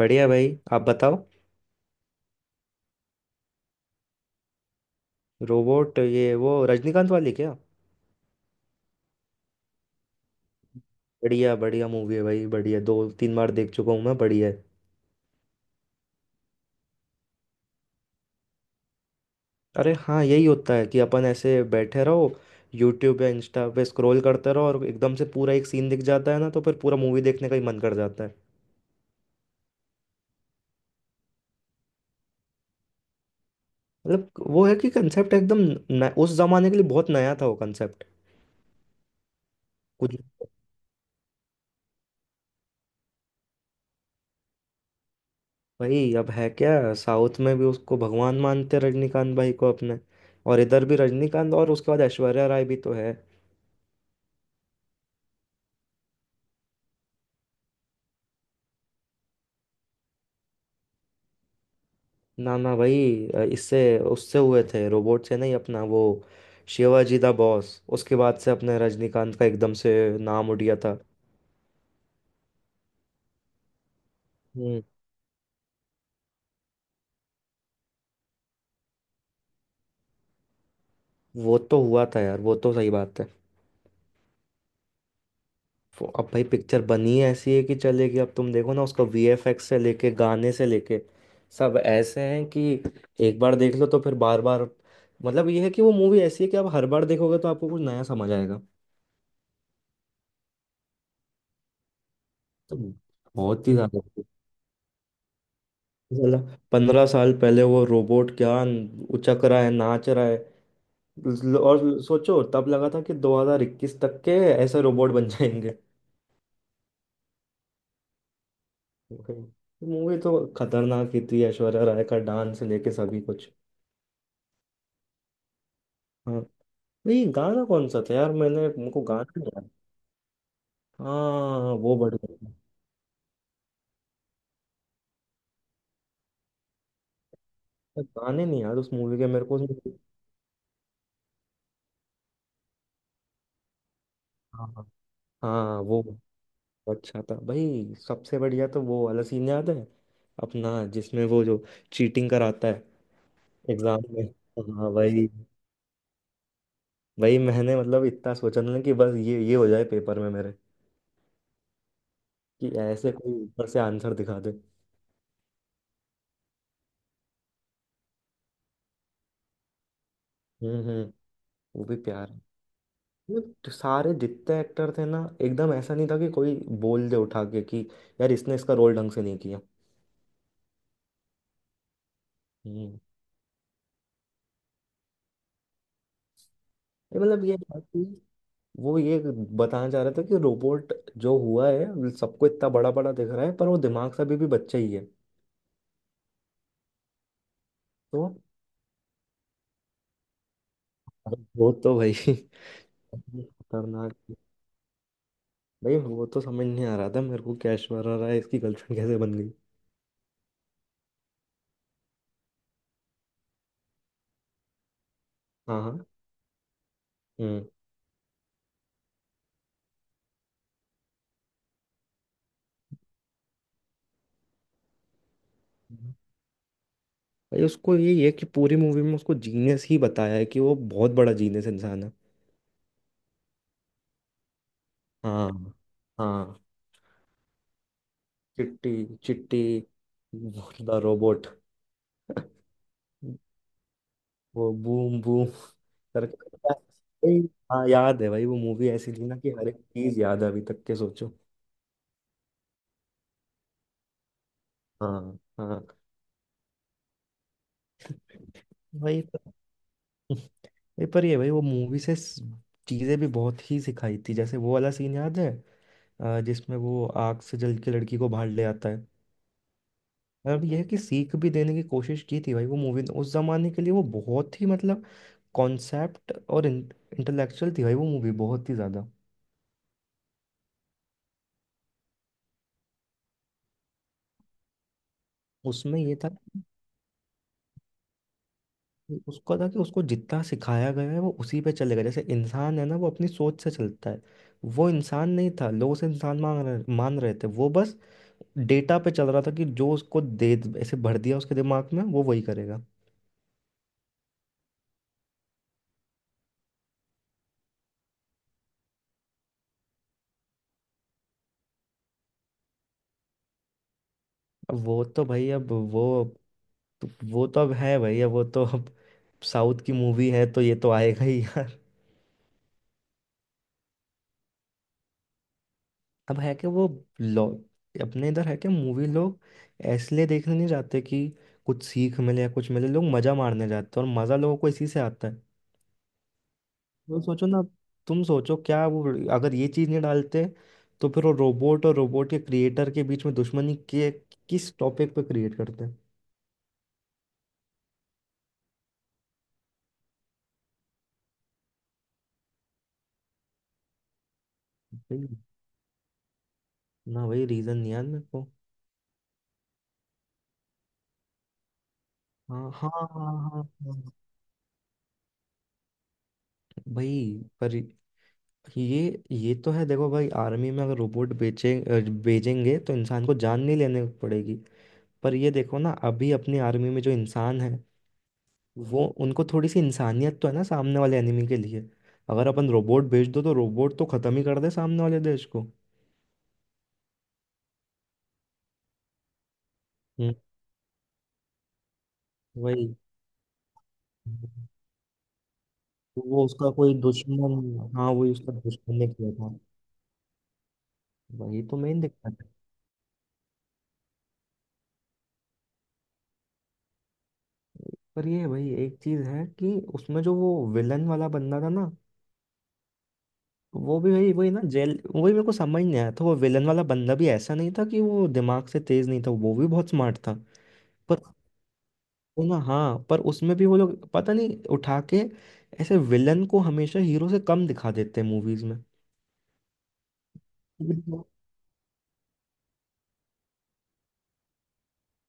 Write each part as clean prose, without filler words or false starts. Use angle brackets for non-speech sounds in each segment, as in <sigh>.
बढ़िया भाई। आप बताओ। रोबोट? ये वो रजनीकांत वाली क्या? बढ़िया बढ़िया मूवी है भाई। बढ़िया दो तीन बार देख चुका हूँ मैं। बढ़िया है। अरे हाँ, यही होता है कि अपन ऐसे बैठे रहो, यूट्यूब या इंस्टा पे स्क्रॉल करते रहो और एकदम से पूरा एक सीन दिख जाता है ना, तो फिर पूरा मूवी देखने का ही मन कर जाता है। मतलब वो है कि कंसेप्ट एकदम न, उस जमाने के लिए बहुत नया था वो कंसेप्ट। कुछ। भाई अब है क्या, साउथ में भी उसको भगवान मानते हैं रजनीकांत भाई को अपने, और इधर भी रजनीकांत और उसके बाद ऐश्वर्या राय भी तो है। ना ना भाई, इससे उससे हुए थे, रोबोट से नहीं। अपना वो शिवाजी द बॉस, उसके बाद से अपने रजनीकांत का एकदम से नाम उठ गया था। हम्म। वो तो हुआ था यार, वो तो सही बात है। अब भाई पिक्चर बनी है ऐसी है कि चलेगी। अब तुम देखो ना, उसका वीएफएक्स से लेके गाने से लेके सब ऐसे हैं कि एक बार देख लो तो फिर बार बार। मतलब ये है कि वो मूवी ऐसी है कि आप हर बार देखोगे तो आपको कुछ नया समझ आएगा। तो बहुत ही ज्यादा। साला 15 साल पहले वो रोबोट क्या उचक रहा है, नाच रहा है। और सोचो, तब लगा था कि 2021 तक के ऐसे रोबोट बन जाएंगे। मूवी तो खतरनाक ही थी, ऐश्वर्या राय का डांस लेके सभी कुछ। हाँ। ये गाना कौन सा था यार, मैंने मुझको गाना नहीं याद। हाँ वो बढ़िया था। पर गाने नहीं याद उस मूवी के मेरे को। हाँ। हाँ। हाँ, वो अच्छा था भाई। सबसे बढ़िया तो वो वाला सीन याद है अपना, जिसमें वो जो चीटिंग कराता है एग्जाम में। हाँ वही। वही मैंने मतलब इतना सोचा ना कि बस ये हो जाए पेपर में मेरे, कि ऐसे कोई ऊपर से आंसर दिखा दे। हम्म। वो भी प्यार। ये तो सारे जितने एक्टर थे ना, एकदम ऐसा नहीं था कि कोई बोल दे उठा के कि यार इसने इसका रोल ढंग से नहीं किया। हम्म। ये मतलब ये था कि वो ये बताना चाह रहे थे कि रोबोट जो हुआ है सबको इतना बड़ा बड़ा दिख रहा है, पर वो दिमाग से अभी भी बच्चा ही है। तो वो तो भाई <laughs> खतरनाक। भाई वो तो समझ नहीं आ रहा था मेरे को, क्या ऐश्वर्या राय इसकी गर्लफ्रेंड कैसे बन गई। हाँ हाँ। हम्म। भाई उसको यही है कि पूरी मूवी में उसको जीनियस ही बताया है कि वो बहुत बड़ा जीनियस इंसान है। हाँ। हाँ। चिट्टी। Chitti the robot. वो बूम बूम करके भाई, हाँ याद है भाई। वो मूवी ऐसी थी ना कि हर एक चीज याद है अभी तक के, सोचो। हाँ। हाँ भाई। <laughs> ये पर ये भाई वो मूवी से चीजें भी बहुत ही सिखाई थी। जैसे वो वाला सीन याद है, जिसमें वो आग से जल के लड़की को बाहर ले आता है। मतलब यह है कि सीख भी देने की कोशिश की थी भाई वो मूवी ने। उस जमाने के लिए वो बहुत ही मतलब कॉन्सेप्ट और इंटेलेक्चुअल थी भाई वो मूवी, बहुत ही ज्यादा। उसमें ये था कि उसको जितना सिखाया गया है वो उसी पे चलेगा। जैसे इंसान है ना, वो अपनी सोच से चलता है। वो इंसान नहीं था, लोग उसे इंसान मान रहे थे। वो बस डेटा पे चल रहा था कि जो उसको दे, ऐसे भर दिया उसके दिमाग में वो वही करेगा। अब वो तो भाई अब वो, तो वो तो अब है भाई, अब वो तो अब साउथ की मूवी है तो ये तो आएगा ही यार। अब है कि वो लोग अपने इधर है कि मूवी लोग इसलिए देखने नहीं जाते कि कुछ सीख मिले या कुछ मिले, लोग मजा मारने जाते हैं और मजा लोगों को इसी से आता है। तो सोचो ना, तुम सोचो क्या वो, अगर ये चीज नहीं डालते तो फिर वो रोबोट और रोबोट के क्रिएटर के बीच में दुश्मनी के किस टॉपिक पे क्रिएट करते। भाई ना भाई, रीजन नहीं याद मेरे को। हाँ हाँ हाँ हाँ। हाँ। भाई पर ये तो है। देखो भाई आर्मी में अगर रोबोट भेजेंगे तो इंसान को जान नहीं लेने पड़ेगी। पर ये देखो ना, अभी अपनी आर्मी में जो इंसान है वो उनको थोड़ी सी इंसानियत तो है ना सामने वाले एनिमी के लिए। अगर अपन रोबोट भेज दो तो रोबोट तो खत्म ही कर दे सामने वाले देश को। हम्म, वही। तो वो उसका कोई दुश्मन? हाँ वही, उसका दुश्मन ने किया था। वही तो मेन दिक्कत है। पर ये भाई एक चीज है कि उसमें जो वो विलन वाला बंदा था ना, वो भी भाई वही ना जेल। वही मेरे को समझ नहीं आया था, वो विलन वाला बंदा भी ऐसा नहीं था कि वो दिमाग से तेज नहीं था। वो भी बहुत स्मार्ट था। पर वो ना, हाँ, पर उसमें भी वो लोग पता नहीं उठा के ऐसे विलन को हमेशा हीरो से कम दिखा देते हैं मूवीज में। बिल्कुल।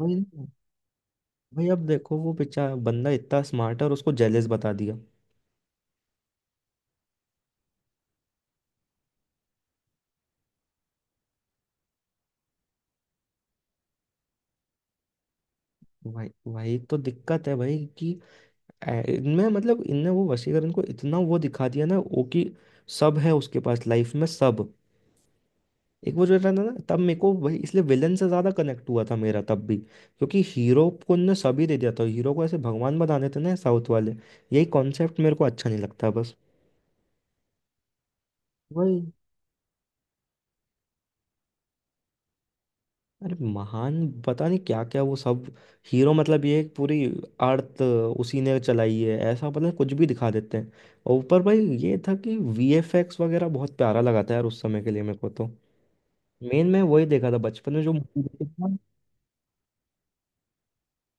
वही ना। भाई अब देखो वो बेचारा बंदा इतना स्मार्ट है और उसको जेलिस बता दिया। भाई वही तो दिक्कत है भाई कि इनमें मतलब इनने वो वशीकरण इनको इतना वो दिखा दिया ना वो कि सब है उसके पास लाइफ में, सब। एक वो जो रहता ना, तब मेरे को वही इसलिए विलन से ज्यादा कनेक्ट हुआ था मेरा तब भी, क्योंकि हीरो को इनने सभी दे दिया था। हीरो को ऐसे भगवान बना देते ना साउथ वाले। यही कॉन्सेप्ट मेरे को अच्छा नहीं लगता बस। वही। अरे महान, पता नहीं क्या क्या वो सब। हीरो मतलब ये एक पूरी अर्थ उसी ने चलाई है ऐसा, पता नहीं कुछ भी दिखा देते हैं। और ऊपर भाई ये था कि वीएफएक्स वगैरह बहुत प्यारा लगा था यार, उस समय के लिए मेरे को तो। मेन मैं वही देखा था बचपन में जो movie देखी थी ना।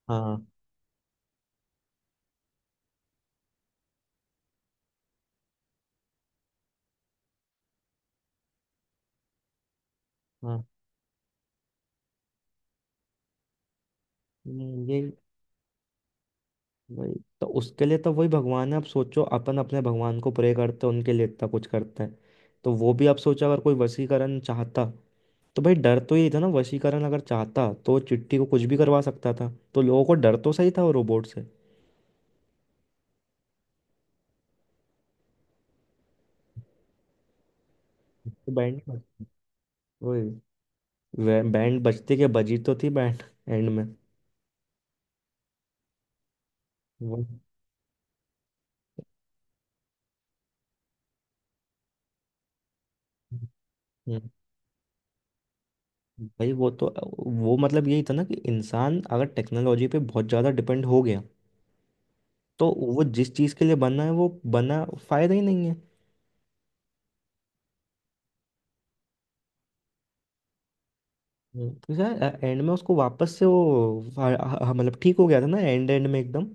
हाँ। हाँ। नहीं, ये, वही। तो उसके लिए तो वही भगवान है। आप सोचो अपन अपने भगवान को प्रे करते हैं, उनके लिए इतना कुछ करते हैं। तो वो भी आप सोचो अगर कोई वशीकरण चाहता, तो भाई डर तो यही था ना, वशीकरण अगर चाहता तो वो चिट्ठी को कुछ भी करवा सकता था। तो लोगों को डर तो सही था वो रोबोट से। तो बैंड। वही। बैंड बजती के बजी तो थी बैंड, एंड में। वो, भाई वो तो वो मतलब यही था ना कि इंसान अगर टेक्नोलॉजी पे बहुत ज़्यादा डिपेंड हो गया तो वो जिस चीज़ के लिए बना है वो बना फायदा ही नहीं है। तो यार एंड में उसको वापस से वो मतलब ठीक हो गया था ना एंड एंड में एकदम।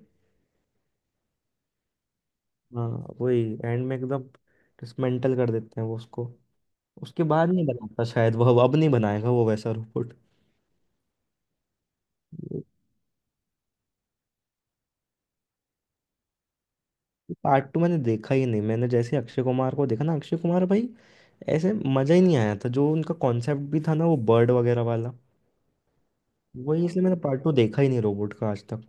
हाँ वही एंड में एकदम डिसमेंटल कर देते हैं वो उसको। उसके बाद नहीं बनाता शायद, वो अब नहीं बनाएगा वो वैसा रोबोट। पार्ट टू मैंने देखा ही नहीं। मैंने जैसे अक्षय कुमार को देखा ना, अक्षय कुमार भाई ऐसे मज़ा ही नहीं आया था। जो उनका कॉन्सेप्ट भी था ना वो बर्ड वगैरह वाला, वही इसलिए मैंने पार्ट टू देखा ही नहीं रोबोट का आज तक।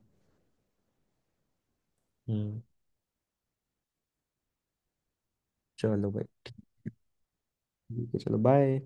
हम्म। चलो भाई। ठीक है चलो बाय।